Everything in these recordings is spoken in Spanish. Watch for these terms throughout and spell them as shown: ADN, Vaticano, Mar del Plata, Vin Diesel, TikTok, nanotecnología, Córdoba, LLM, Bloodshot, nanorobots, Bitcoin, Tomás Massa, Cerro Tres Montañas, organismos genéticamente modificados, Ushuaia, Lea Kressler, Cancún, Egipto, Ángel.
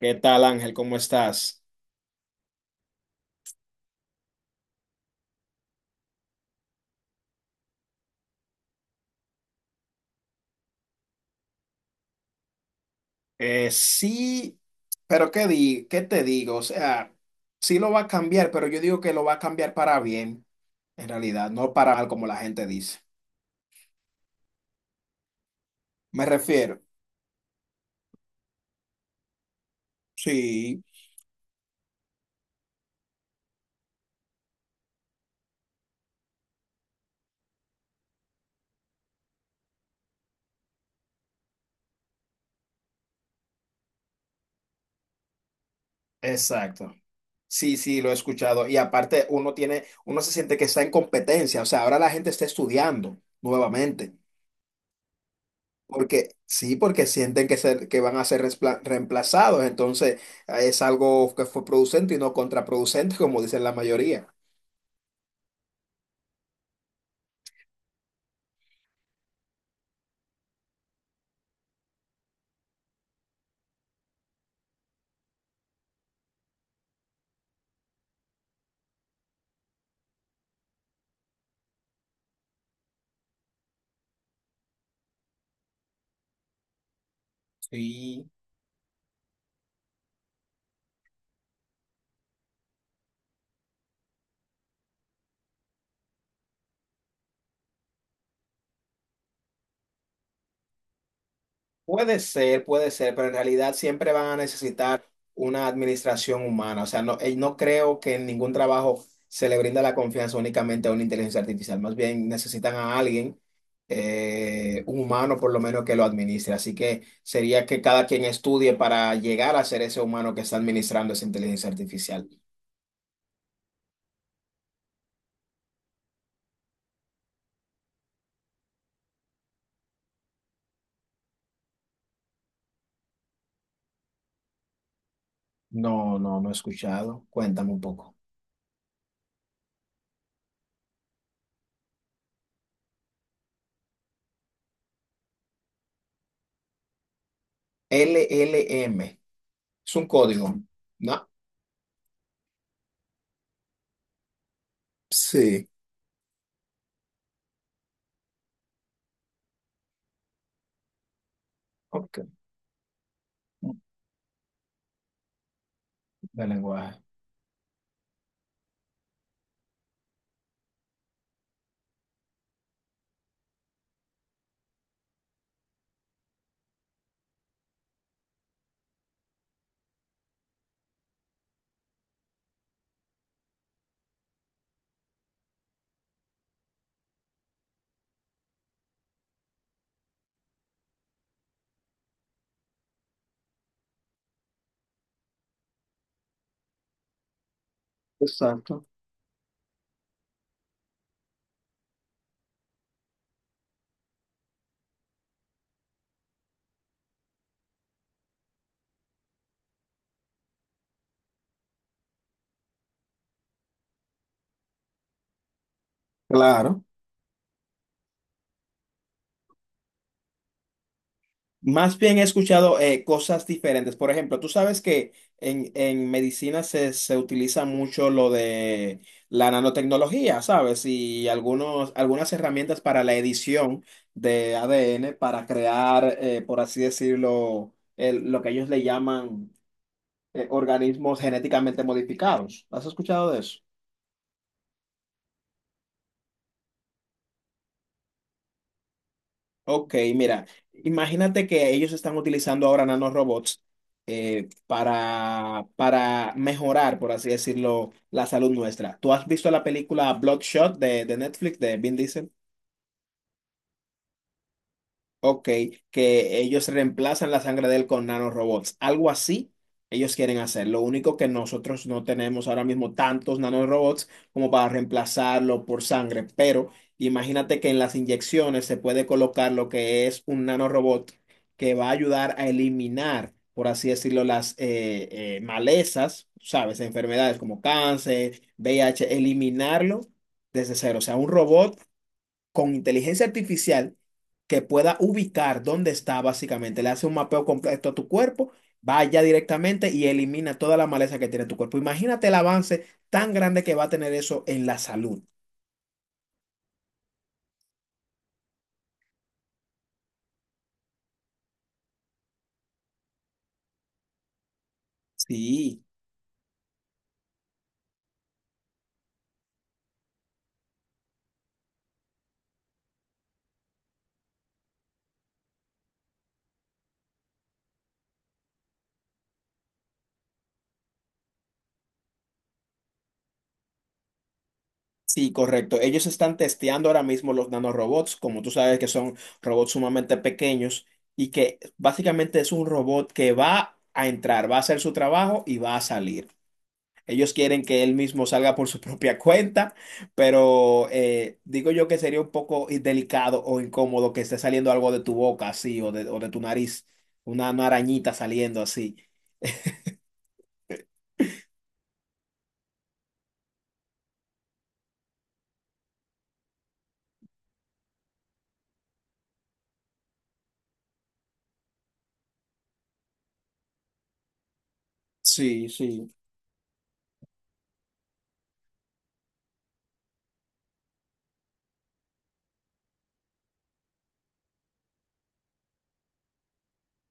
¿Qué tal, Ángel? ¿Cómo estás? Sí, pero ¿qué te digo? O sea, sí lo va a cambiar, pero yo digo que lo va a cambiar para bien, en realidad, no para mal como la gente dice. Me refiero. Sí, exacto. Sí, sí, lo he escuchado. Y aparte, uno se siente que está en competencia. O sea, ahora la gente está estudiando nuevamente. Porque sí, porque sienten que, que van a ser reemplazados, entonces es algo que fue producente y no contraproducente, como dicen la mayoría. Sí. Puede ser, pero en realidad siempre van a necesitar una administración humana. O sea, no, no creo que en ningún trabajo se le brinda la confianza únicamente a una inteligencia artificial. Más bien necesitan a alguien, un humano por lo menos, que lo administre. Así que sería que cada quien estudie para llegar a ser ese humano que está administrando esa inteligencia artificial. No, no, no he escuchado. Cuéntame un poco. LLM. Es un código, ¿no? Sí. Ok. De lenguaje. Exacto. Claro. Más bien he escuchado cosas diferentes. Por ejemplo, tú sabes que en medicina se utiliza mucho lo de la nanotecnología, ¿sabes? Y algunas herramientas para la edición de ADN para crear, por así decirlo, lo que ellos le llaman organismos genéticamente modificados. ¿Has escuchado de eso? Ok, mira, imagínate que ellos están utilizando ahora nanorobots para mejorar, por así decirlo, la salud nuestra. ¿Tú has visto la película Bloodshot de Netflix de Vin Diesel? Ok, que ellos reemplazan la sangre de él con nanorobots. Algo así ellos quieren hacer. Lo único que nosotros no tenemos ahora mismo tantos nanorobots como para reemplazarlo por sangre. Pero imagínate que en las inyecciones se puede colocar lo que es un nanorobot que va a ayudar a eliminar, por así decirlo, las malezas, ¿sabes? Enfermedades como cáncer, VIH, eliminarlo desde cero. O sea, un robot con inteligencia artificial que pueda ubicar dónde está básicamente. Le hace un mapeo completo a tu cuerpo, va allá directamente y elimina toda la maleza que tiene tu cuerpo. Imagínate el avance tan grande que va a tener eso en la salud. Sí. Sí, correcto. Ellos están testeando ahora mismo los nanorobots, como tú sabes que son robots sumamente pequeños y que básicamente es un robot que va a entrar, va a hacer su trabajo y va a salir. Ellos quieren que él mismo salga por su propia cuenta, pero digo yo que sería un poco delicado o incómodo que esté saliendo algo de tu boca así o de tu nariz, una arañita saliendo así. Sí, sí.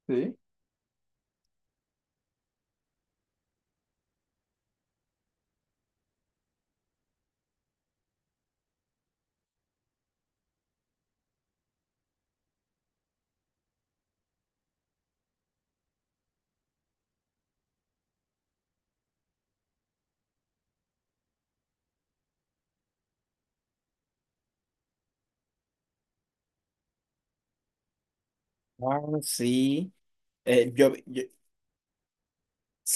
Sí. Ah, sí. Eh, yo, yo,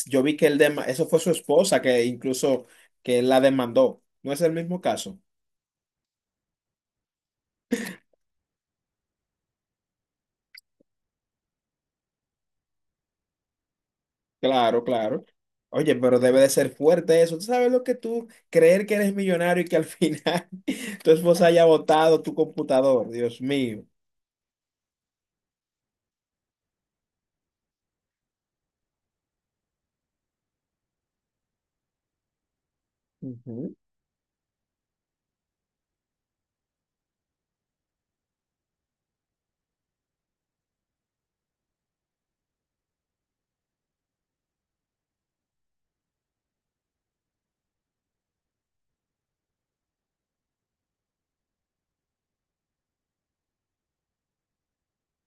yo vi que eso fue su esposa que incluso que él la demandó. ¿No es el mismo caso? Claro, claro. Oye, pero debe de ser fuerte eso. ¿Tú sabes lo que tú creer que eres millonario y que al final tu esposa haya botado tu computador? Dios mío. Ujú.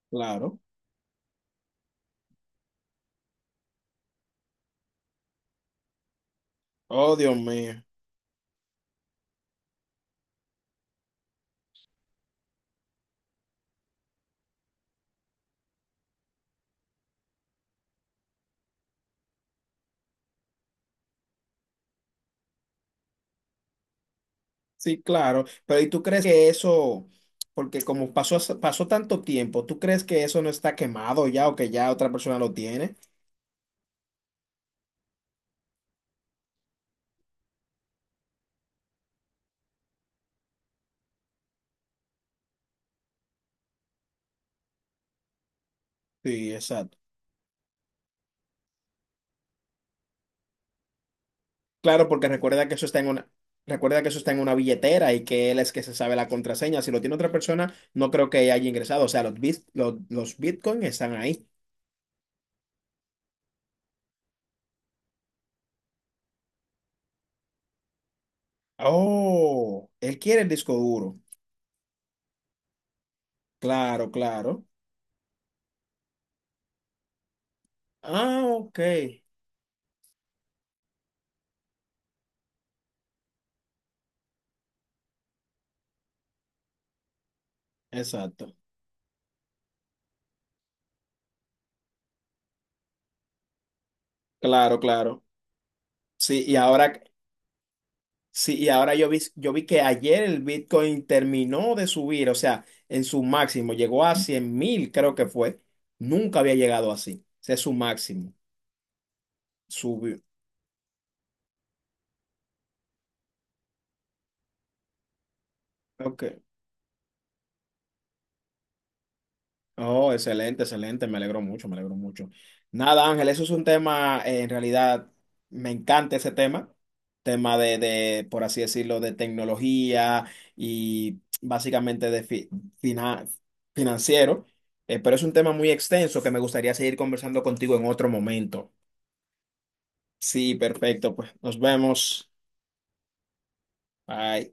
Claro. Oh, Dios mío. Sí, claro. Pero ¿y tú crees que eso, porque como pasó, pasó tanto tiempo, ¿tú crees que eso no está quemado ya o que ya otra persona lo tiene? Sí, exacto. Claro, porque recuerda que eso está en una, recuerda que eso está en una billetera y que él es que se sabe la contraseña. Si lo tiene otra persona, no creo que haya ingresado. O sea, los bitcoins están ahí. Oh, él quiere el disco duro. Claro, claro. Ah, ok. Exacto. Claro, claro. Sí, y ahora, sí, y ahora yo vi que ayer el Bitcoin terminó de subir, o sea, en su máximo, llegó a 100.000, creo que fue. Nunca había llegado así. Ese es su máximo. Subió. Ok. Oh, excelente, excelente, me alegro mucho, me alegro mucho. Nada, Ángel, eso es un tema, en realidad, me encanta ese tema, por así decirlo, de tecnología y básicamente de fina- financiero, pero es un tema muy extenso que me gustaría seguir conversando contigo en otro momento. Sí, perfecto, pues nos vemos. Bye.